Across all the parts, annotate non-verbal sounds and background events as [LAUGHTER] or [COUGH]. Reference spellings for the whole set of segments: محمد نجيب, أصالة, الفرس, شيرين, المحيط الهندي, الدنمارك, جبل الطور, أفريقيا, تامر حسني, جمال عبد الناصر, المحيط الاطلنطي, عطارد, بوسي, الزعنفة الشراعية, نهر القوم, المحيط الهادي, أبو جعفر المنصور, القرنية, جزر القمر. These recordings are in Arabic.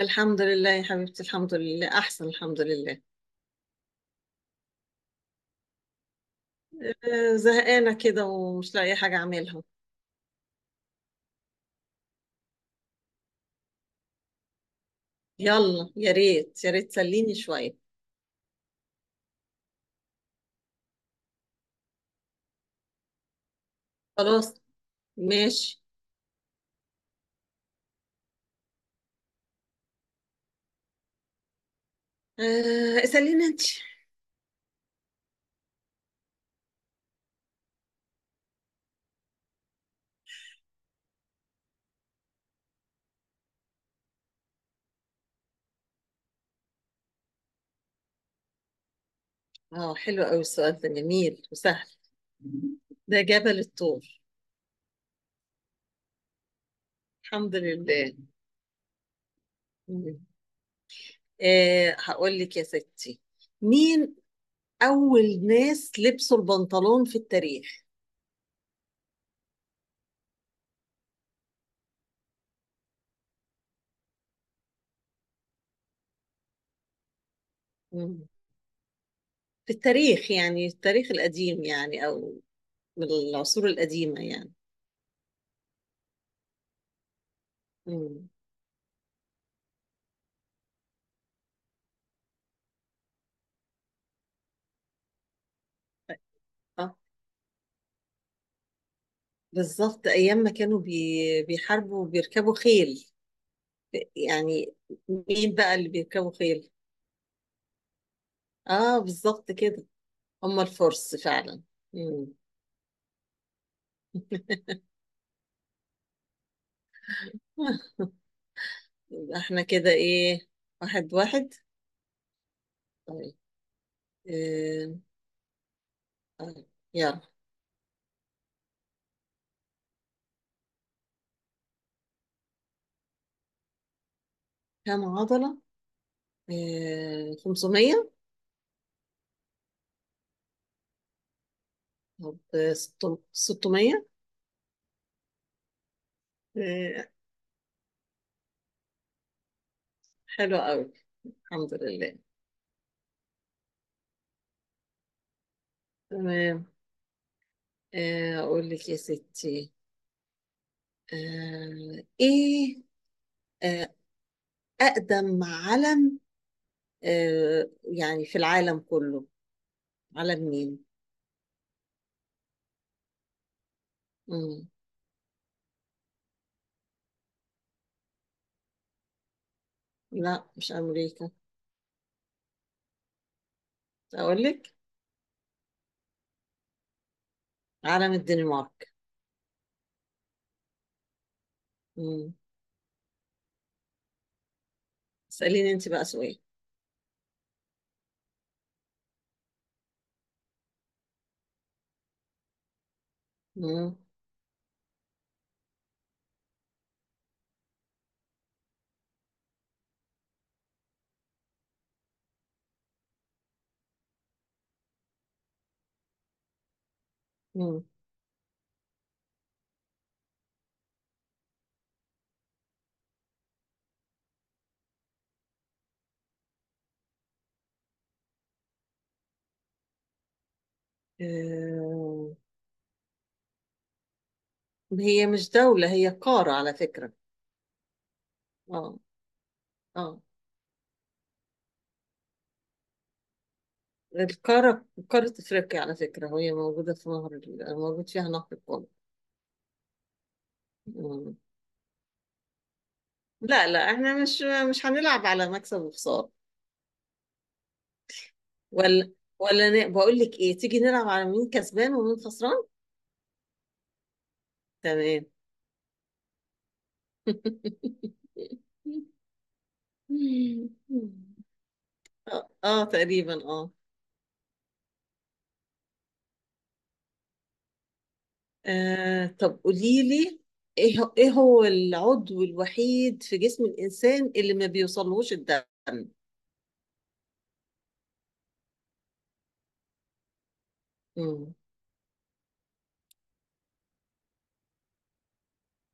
الحمد لله يا حبيبتي، الحمد لله، احسن، الحمد لله. زهقانه كده ومش لاقيه حاجه اعملها. يلا، يا ريت يا ريت تسليني شويه. خلاص. ماشي. اساليني انت. اه، حلو قوي، السؤال ده جميل وسهل. ده جبل الطور. الحمد لله. مم. هقول لك يا ستي. مين اول ناس لبسوا البنطلون في التاريخ؟ مم. في التاريخ يعني، التاريخ القديم يعني، او من العصور القديمة يعني. مم. اه، بالظبط أيام ما كانوا بيحاربوا وبيركبوا خيل، يعني. مين بقى اللي بيركبوا خيل؟ اه، بالظبط كده. هم الفرس فعلا. مم. [LAUGHS] آه، يبقى احنا كده ايه؟ واحد واحد. طيب، آه. طيب، يلا. كام عضلة؟ 500. طب، 600. آه. حلو قوي. الحمد لله. تمام. أقول لك يا ستي، إيه، آه، أقدم علم، يعني في العالم كله. علم مين؟ مم. لا، مش أمريكا. أقول لك. علم الدنمارك. مم. اسأليني أنت بقى سؤال. مم. مم. آه، هي مش دولة، هي قارة على فكرة. اه اه. القارة قارة أفريقيا على فكرة، وهي موجودة في موجود فيها نهر القوم. مم. لا، لا، احنا مش هنلعب على مكسب وخسارة. ولا ولا بقول لك ايه، تيجي نلعب على مين كسبان ومين خسران. تمام. [LAUGHS] اه، تقريبا، اه. طب قولي لي، ايه هو العضو الوحيد في جسم الانسان اللي ما بيوصلهوش الدم؟ مم.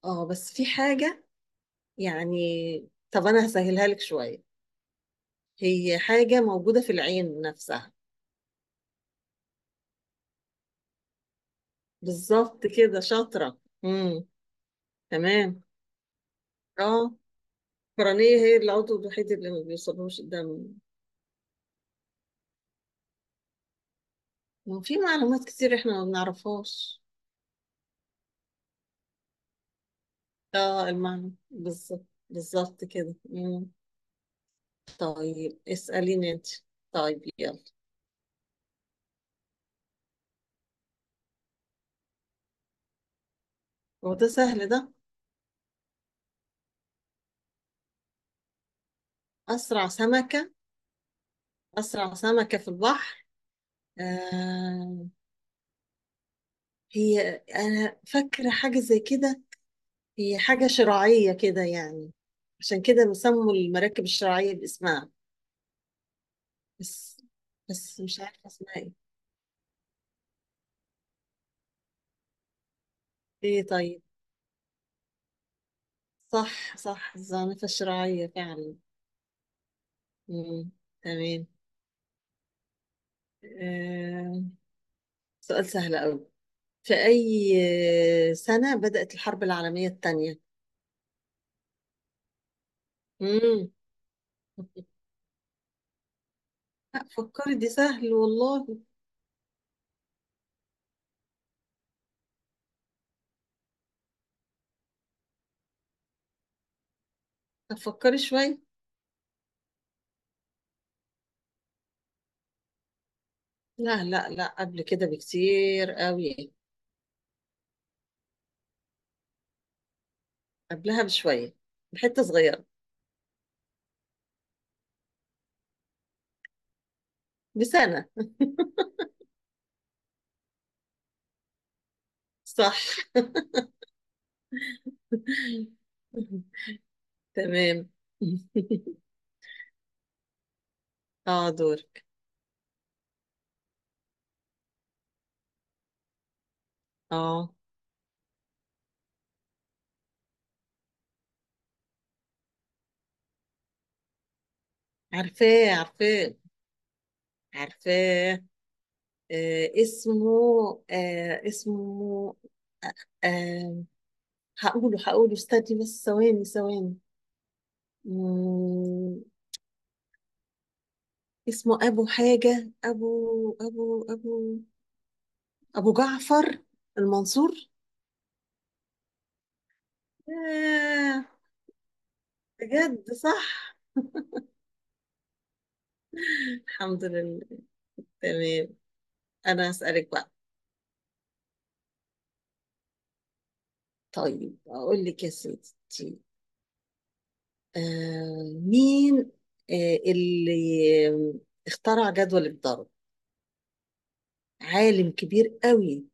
اه، بس في حاجة، يعني. طب انا هسهلها لك شوية. هي حاجة موجودة في العين نفسها. بالظبط كده، شاطرة. امم تمام. اه. القرنية هي العضو الوحيد اللي ما بيوصلهوش الدم. وفي معلومات كتير احنا ما بنعرفهاش. اه، المعنى بالظبط، بالظبط كده. مم. طيب، اسأليني انت. طيب، يلا. هو ده سهل ده. أسرع سمكة، أسرع سمكة في البحر. آه هي، أنا فاكرة حاجة زي كده، هي حاجة شراعية كده يعني، عشان كده بيسموا المراكب الشراعية باسمها. بس بس مش عارفة اسمها ايه. ايه، طيب. صح، صح، الزعنفة الشراعية فعلا. مم. تمام. آه. سؤال سهل أوي. في أي سنة بدأت الحرب العالمية الثانية؟ مم. لا، فكري، دي سهل والله. طب فكري شوية. لا، لا، لا، قبل كده بكتير قوي. قبلها بشوية، بحتة صغيرة. بسنة. [LAUGHS] صح. [LAUGHS] تمام. [LAUGHS] اه، دورك. اه، عارفاه عارفاه عارفاه. اسمه، اسمه، آه هقوله هقوله استني بس، ثواني ثواني. مم، اسمه أبو حاجة، أبو أبو أبو جعفر المنصور. آه، بجد صح. الحمد لله. تمام. أنا هسألك بقى. طيب، أقول لك يا ستي، مين اللي اخترع جدول الضرب؟ عالم كبير قوي.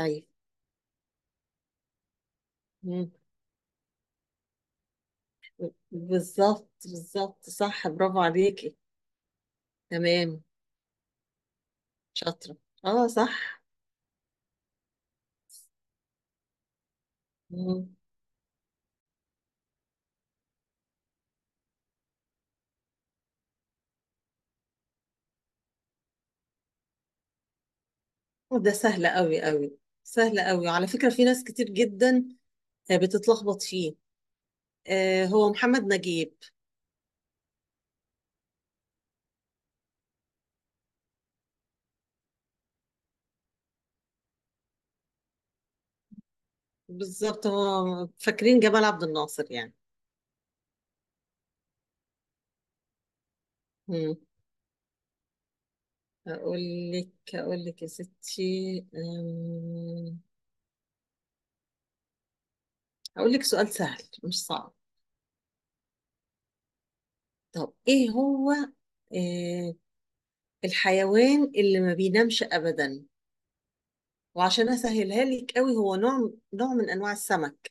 أيوة، بالظبط، بالظبط، صح، برافو عليكي. تمام. شاطرة. اه، صح. مم. وده سهل قوي قوي، سهل قوي على فكرة، في ناس كتير جدا بتتلخبط فيه. هو محمد نجيب. بالظبط، هو فاكرين جمال عبد الناصر يعني. مم. اقول لك، اقول لك يا ستي، اقول لك سؤال سهل مش صعب. طب، ايه هو آه الحيوان اللي ما بينامش ابدا؟ وعشان اسهلها لك قوي، هو نوع نوع من انواع السمك.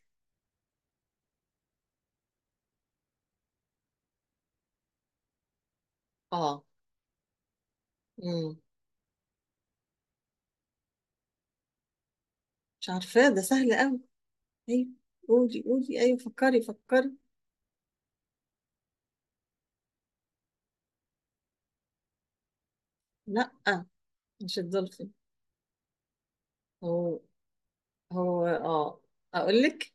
اه. امم مش عارفاه، ده سهل قوي. ايوه، قولي قولي، ايوه، فكري فكري. لا، مش الدولفين. هو هو اقول لك.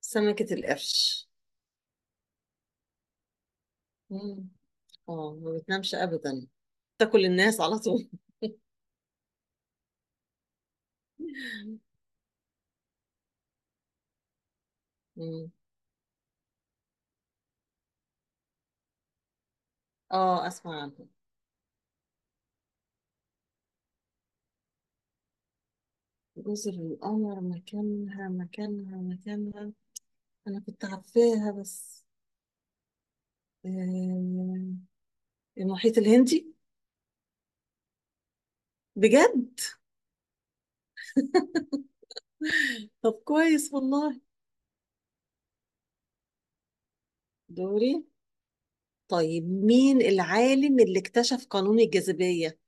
سمكة القرش. امم اه، ما بتنامش ابدا، تاكل الناس على طول. [LAUGHS] مم. اه، اسمع عنها. جزر القمر مكانها، انا كنت عارفاها بس، آه، المحيط الهندي. بجد. طب كويس والله. دوري. طيب، مين العالم اللي اكتشف قانون الجاذبية؟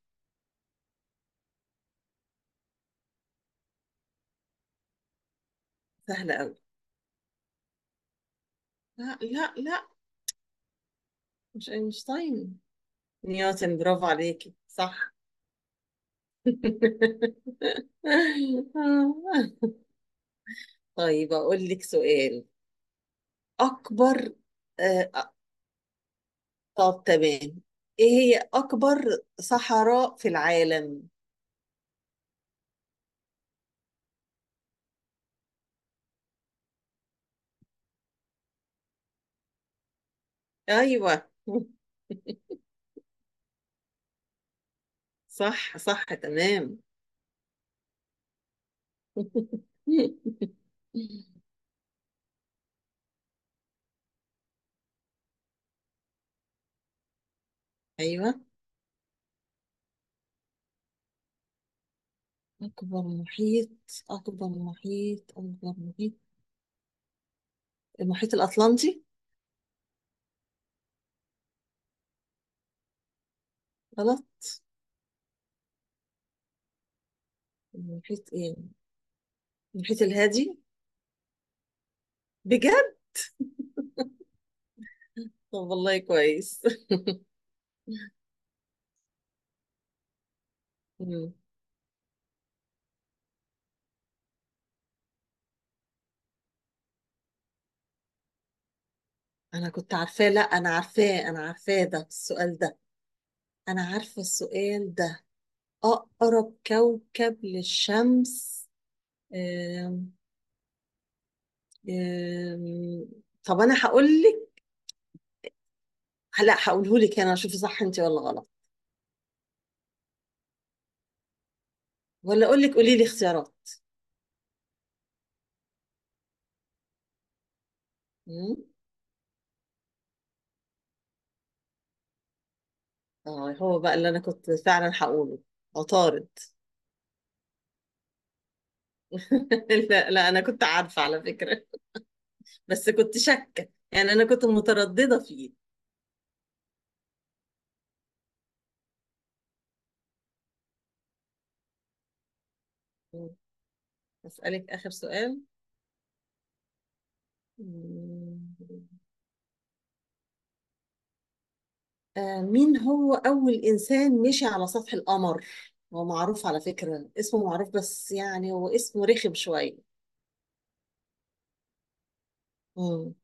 سهل قوي. لا، لا، لا، مش اينشتاين. نيوتن، برافو عليكي، صح. [LAUGHS] طيب، اقول لك سؤال. اكبر آه آه، طب، تمام. ايه هي اكبر صحراء في العالم؟ ايوه. [LAUGHS] صح، صح، تمام. [LAUGHS] ايوه. اكبر محيط اكبر محيط، المحيط الاطلنطي. غلط. المحيط ايه؟ المحيط الهادي. بجد. طب والله كويس. [LAUGHS] مم. انا كنت عارفاه، لا انا عارفاه، انا عارفاه ده السؤال ده، انا عارفه السؤال ده، اقرب كوكب للشمس. أم... أم... طب انا هقول لك، لا هقوله لك، انا اشوف صح انت ولا غلط، ولا اقول لك قولي لي اختيارات. مم. اه، هو بقى اللي انا كنت فعلا هقوله، عطارد. [LAUGHS] لا، لا، انا كنت عارفه على فكره، بس كنت شاكه يعني، انا كنت متردده فيه. اسالك اخر سؤال. مم. مين هو اول انسان مشي على سطح القمر؟ هو معروف على فكره، اسمه معروف بس، يعني هو اسمه رخم شويه. مم.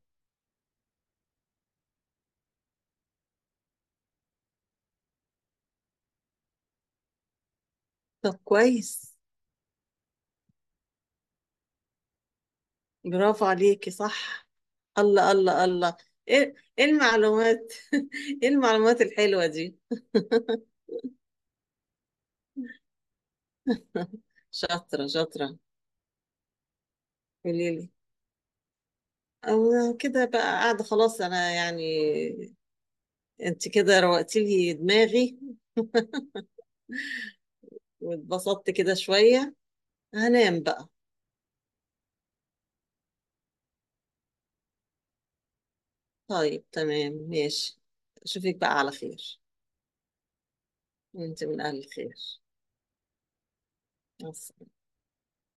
طب كويس. برافو عليكي، صح. الله، الله، الله. ايه، إيه المعلومات؟ [LAUGHS] ايه المعلومات الحلوه دي! [LAUGHS] شاطرة شاطرة. قوليلي. أنا كده بقى قاعدة خلاص، أنا يعني، أنت كده روقتي لي دماغي، واتبسطت كده شوية، هنام بقى. طيب، تمام، ماشي. أشوفك بقى على خير. أنت من أهل الخير. مع